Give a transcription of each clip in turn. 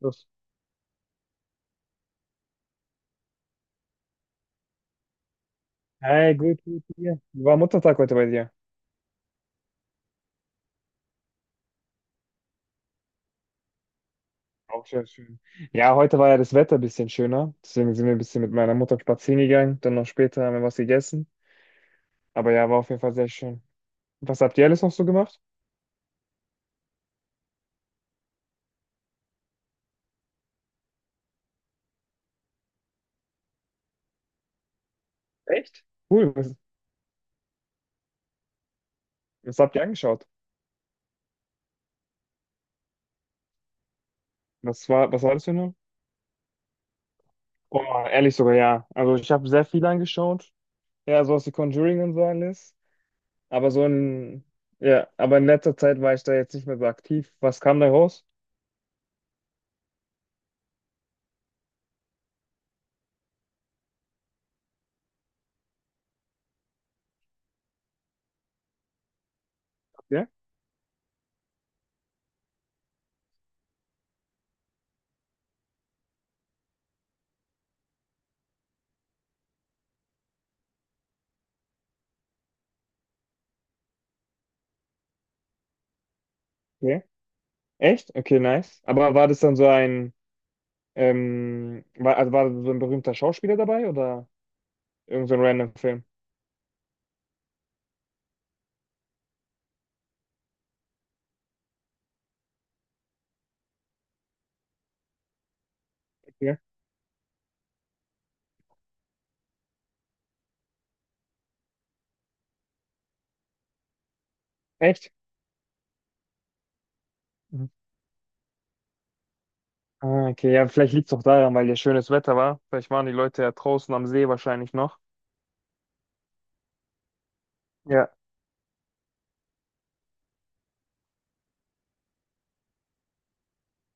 Los. Hey, gut, gut, hier. War Muttertag heute bei dir? Auch sehr schön. Ja, heute war ja das Wetter ein bisschen schöner. Deswegen sind wir ein bisschen mit meiner Mutter spazieren gegangen. Dann noch später haben wir was gegessen. Aber ja, war auf jeden Fall sehr schön. Was habt ihr alles noch so gemacht? Echt? Cool. Was habt ihr angeschaut? Was war das für eine? Oh, ehrlich sogar, ja. Also ich habe sehr viel angeschaut. Ja, so aus The Conjuring und so alles. Aber so ja, aber in letzter Zeit war ich da jetzt nicht mehr so aktiv. Was kam da raus? Ja? Echt? Okay, nice. Aber war das dann so ein, also war so ein berühmter Schauspieler dabei oder irgend so ein random Film? Okay. Echt? Mhm. Ah, okay, ja, vielleicht liegt es auch daran, weil ja schönes Wetter war. Vielleicht waren die Leute ja draußen am See wahrscheinlich noch. Ja.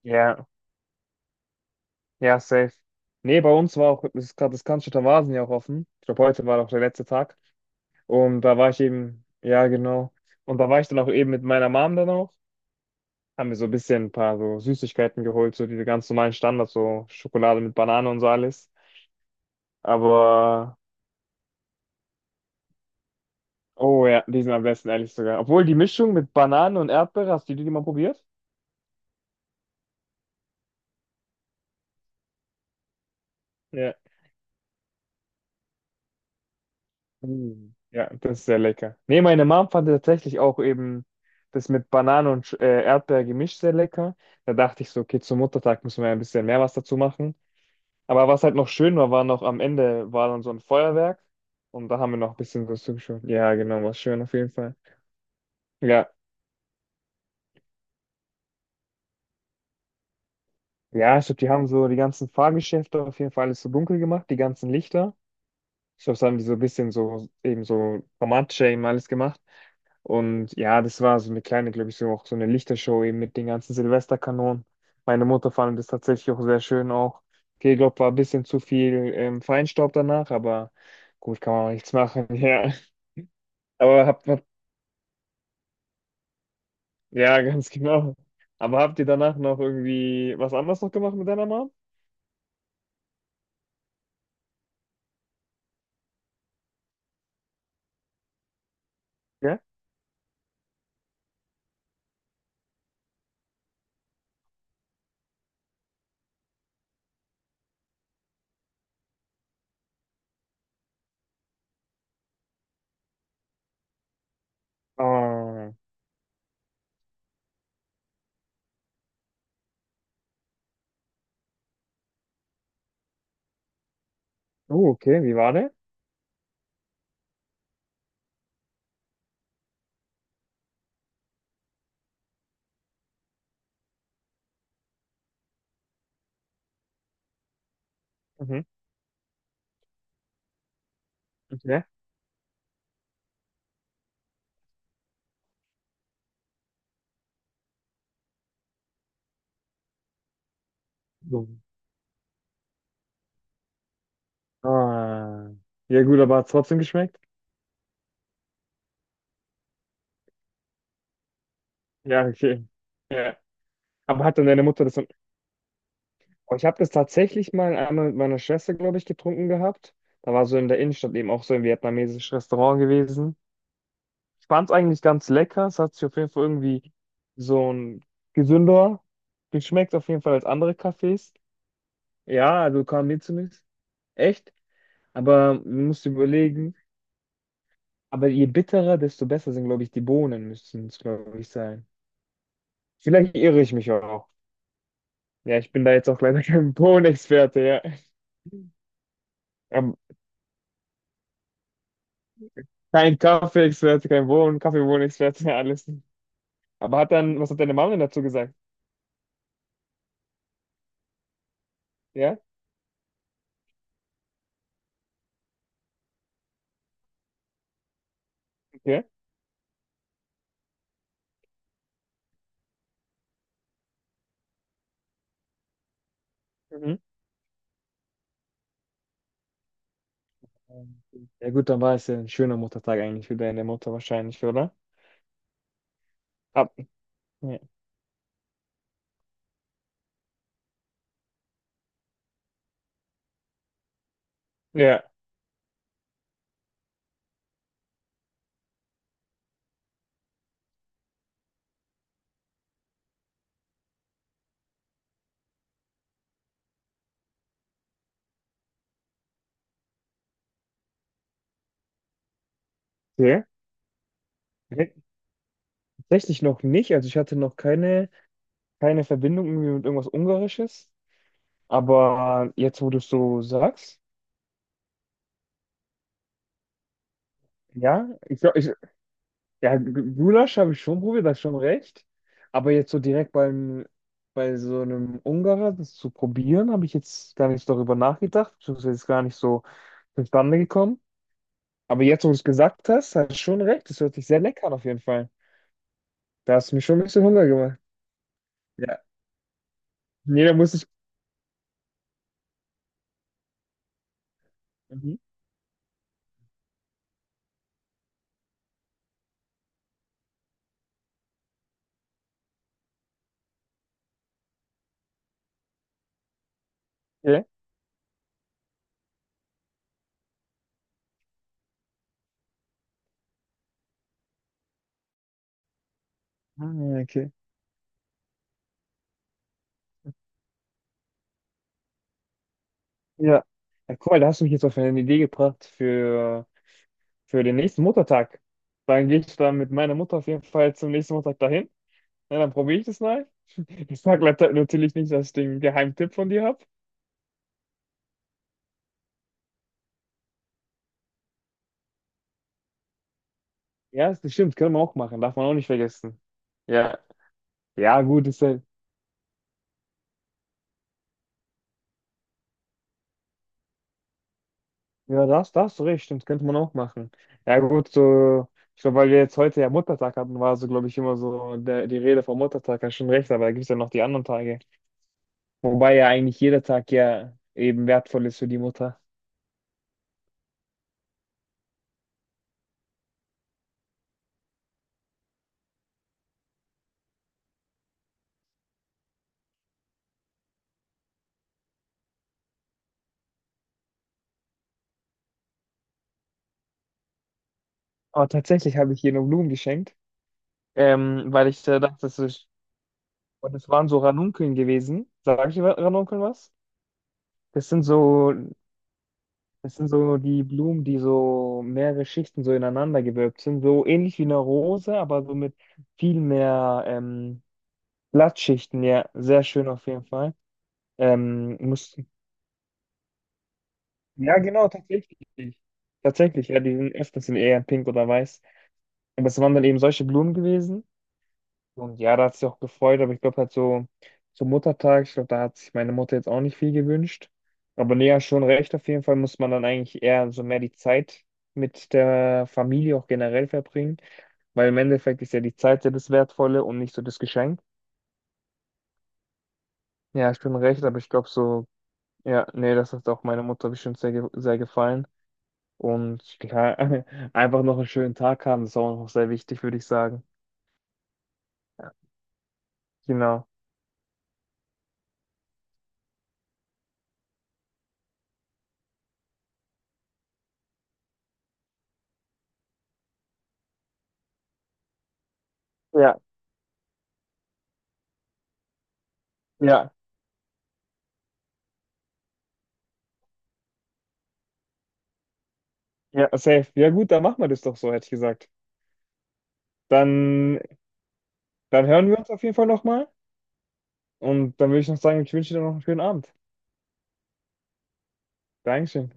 Ja, ja, safe. Nee, bei uns war auch, es ist gerade das Cannstatter Wasen ja auch offen. Ich glaube, heute war auch der letzte Tag. Und da war ich eben, ja, genau. Und da war ich dann auch eben mit meiner Mom dann auch haben wir so ein bisschen ein paar so Süßigkeiten geholt, so diese ganz normalen Standards, so Schokolade mit Banane und so alles. Aber, oh ja, die sind am besten, ehrlich sogar. Obwohl die Mischung mit Banane und Erdbeere, hast du die mal probiert? Ja. Mm. Ja, das ist sehr lecker. Nee, meine Mom fand tatsächlich auch eben das mit Banane und Erdbeer gemischt sehr lecker. Da dachte ich so, okay, zum Muttertag müssen wir ein bisschen mehr was dazu machen. Aber was halt noch schön war, war noch am Ende war dann so ein Feuerwerk und da haben wir noch ein bisschen was zugeschaut. Ja, genau, war schön auf jeden Fall. Ja, ja, ich glaube, die haben so die ganzen Fahrgeschäfte auf jeden Fall alles so dunkel gemacht, die ganzen Lichter. Ich glaube, das haben die so ein bisschen so eben so Formatsche eben alles gemacht. Und ja, das war so eine kleine, glaube ich, so auch so eine Lichtershow eben mit den ganzen Silvesterkanonen. Meine Mutter fand das tatsächlich auch sehr schön auch. Okay, ich glaube, war ein bisschen zu viel Feinstaub danach, aber gut, kann man auch nichts machen. Ja, aber habt ja, ganz genau. Aber habt ihr danach noch irgendwie was anderes noch gemacht mit deiner Mom? Ja? Ah, oh, okay, wie war der? Mhm. Ja? So. Ah. Ja gut, aber hat es trotzdem geschmeckt? Ja, okay. Ja. Aber hat dann deine Mutter das dann... Oh, ich habe das tatsächlich mal einmal mit meiner Schwester, glaube ich, getrunken gehabt. Da war so in der Innenstadt eben auch so ein vietnamesisches Restaurant gewesen. Ich fand es eigentlich ganz lecker. Es hat sich auf jeden Fall irgendwie so ein gesünder geschmeckt, auf jeden Fall als andere Cafés. Ja, also kam mir zumindest. Echt? Aber man musst überlegen. Aber je bitterer, desto besser sind, glaube ich, die Bohnen, müssten es, glaube ich, sein. Vielleicht irre ich mich auch. Ja, ich bin da jetzt auch leider kein Bohnenexperte, ja. Ähm, kein Kaffee-Experte, kein Bohnen, Kaffee-Bohnen-Experte, ja, alles. Aber hat dann, was hat deine Mama denn dazu gesagt? Ja, okay. Mhm. Ja gut, dann war es ja ein schöner Muttertag eigentlich für deine Mutter wahrscheinlich, oder? Ab. Ja. Ja. Okay. Nee, tatsächlich noch nicht. Also ich hatte noch keine, keine Verbindung irgendwie mit irgendwas Ungarisches. Aber jetzt, wo du es so sagst, ja, ich glaube, ja, G- Gulasch habe ich schon probiert, das ist schon recht. Aber jetzt so direkt beim, bei so einem Ungarer das zu probieren, habe ich jetzt gar nicht darüber nachgedacht. Das ist jetzt gar nicht so zustande gekommen. Aber jetzt, wo du es gesagt hast, hast du schon recht. Das hört sich sehr lecker an auf jeden Fall. Da hast du mir schon ein bisschen Hunger gemacht. Ja. Nee, da muss ich. Mhm. Okay. Ah, okay. Ja. Ja, cool, da hast du mich jetzt auf eine Idee gebracht für den nächsten Muttertag. Dann gehe ich dann mit meiner Mutter auf jeden Fall zum nächsten Muttertag dahin. Ja, dann probiere ich das mal. Ich sage natürlich nicht, dass ich den Geheimtipp von dir habe. Ja, das stimmt, können wir auch machen, darf man auch nicht vergessen. Ja, ja, gut, ist ja, ja, recht, stimmt, könnte man auch machen. Ja, gut, so, ich glaube, weil wir jetzt heute ja Muttertag hatten, war so, glaube ich, immer so die Rede vom Muttertag, hast schon recht, aber da gibt es ja noch die anderen Tage. Wobei ja eigentlich jeder Tag ja eben wertvoll ist für die Mutter. Aber tatsächlich habe ich hier nur Blumen geschenkt, weil ich dachte, das ist, und es waren so Ranunkeln gewesen. Sag ich Ranunkeln was? Das sind so, das sind so die Blumen, die so mehrere Schichten so ineinander gewölbt sind. So ähnlich wie eine Rose, aber so mit viel mehr Blattschichten. Ja, sehr schön auf jeden Fall. Ähm, muss, ja, genau, tatsächlich. Tatsächlich, ja, die sind öfters sind eher pink oder weiß. Aber es waren dann eben solche Blumen gewesen. Und ja, da hat sie auch gefreut, aber ich glaube halt so zum Muttertag, ich glaube, da hat sich meine Mutter jetzt auch nicht viel gewünscht. Aber nee, ja, schon recht, auf jeden Fall muss man dann eigentlich eher so mehr die Zeit mit der Familie auch generell verbringen, weil im Endeffekt ist ja die Zeit ja das Wertvolle und nicht so das Geschenk. Ja, ich bin recht, aber ich glaube so, ja, nee, das hat auch meiner Mutter bestimmt sehr gefallen. Und klar, einfach noch einen schönen Tag haben, das ist auch noch sehr wichtig, würde ich sagen. Ja, genau. Ja, ja. Ja, safe. Ja gut, dann machen wir das doch so, hätte ich gesagt. Dann, dann hören wir uns auf jeden Fall nochmal. Und dann würde ich noch sagen, ich wünsche dir noch einen schönen Abend. Dankeschön.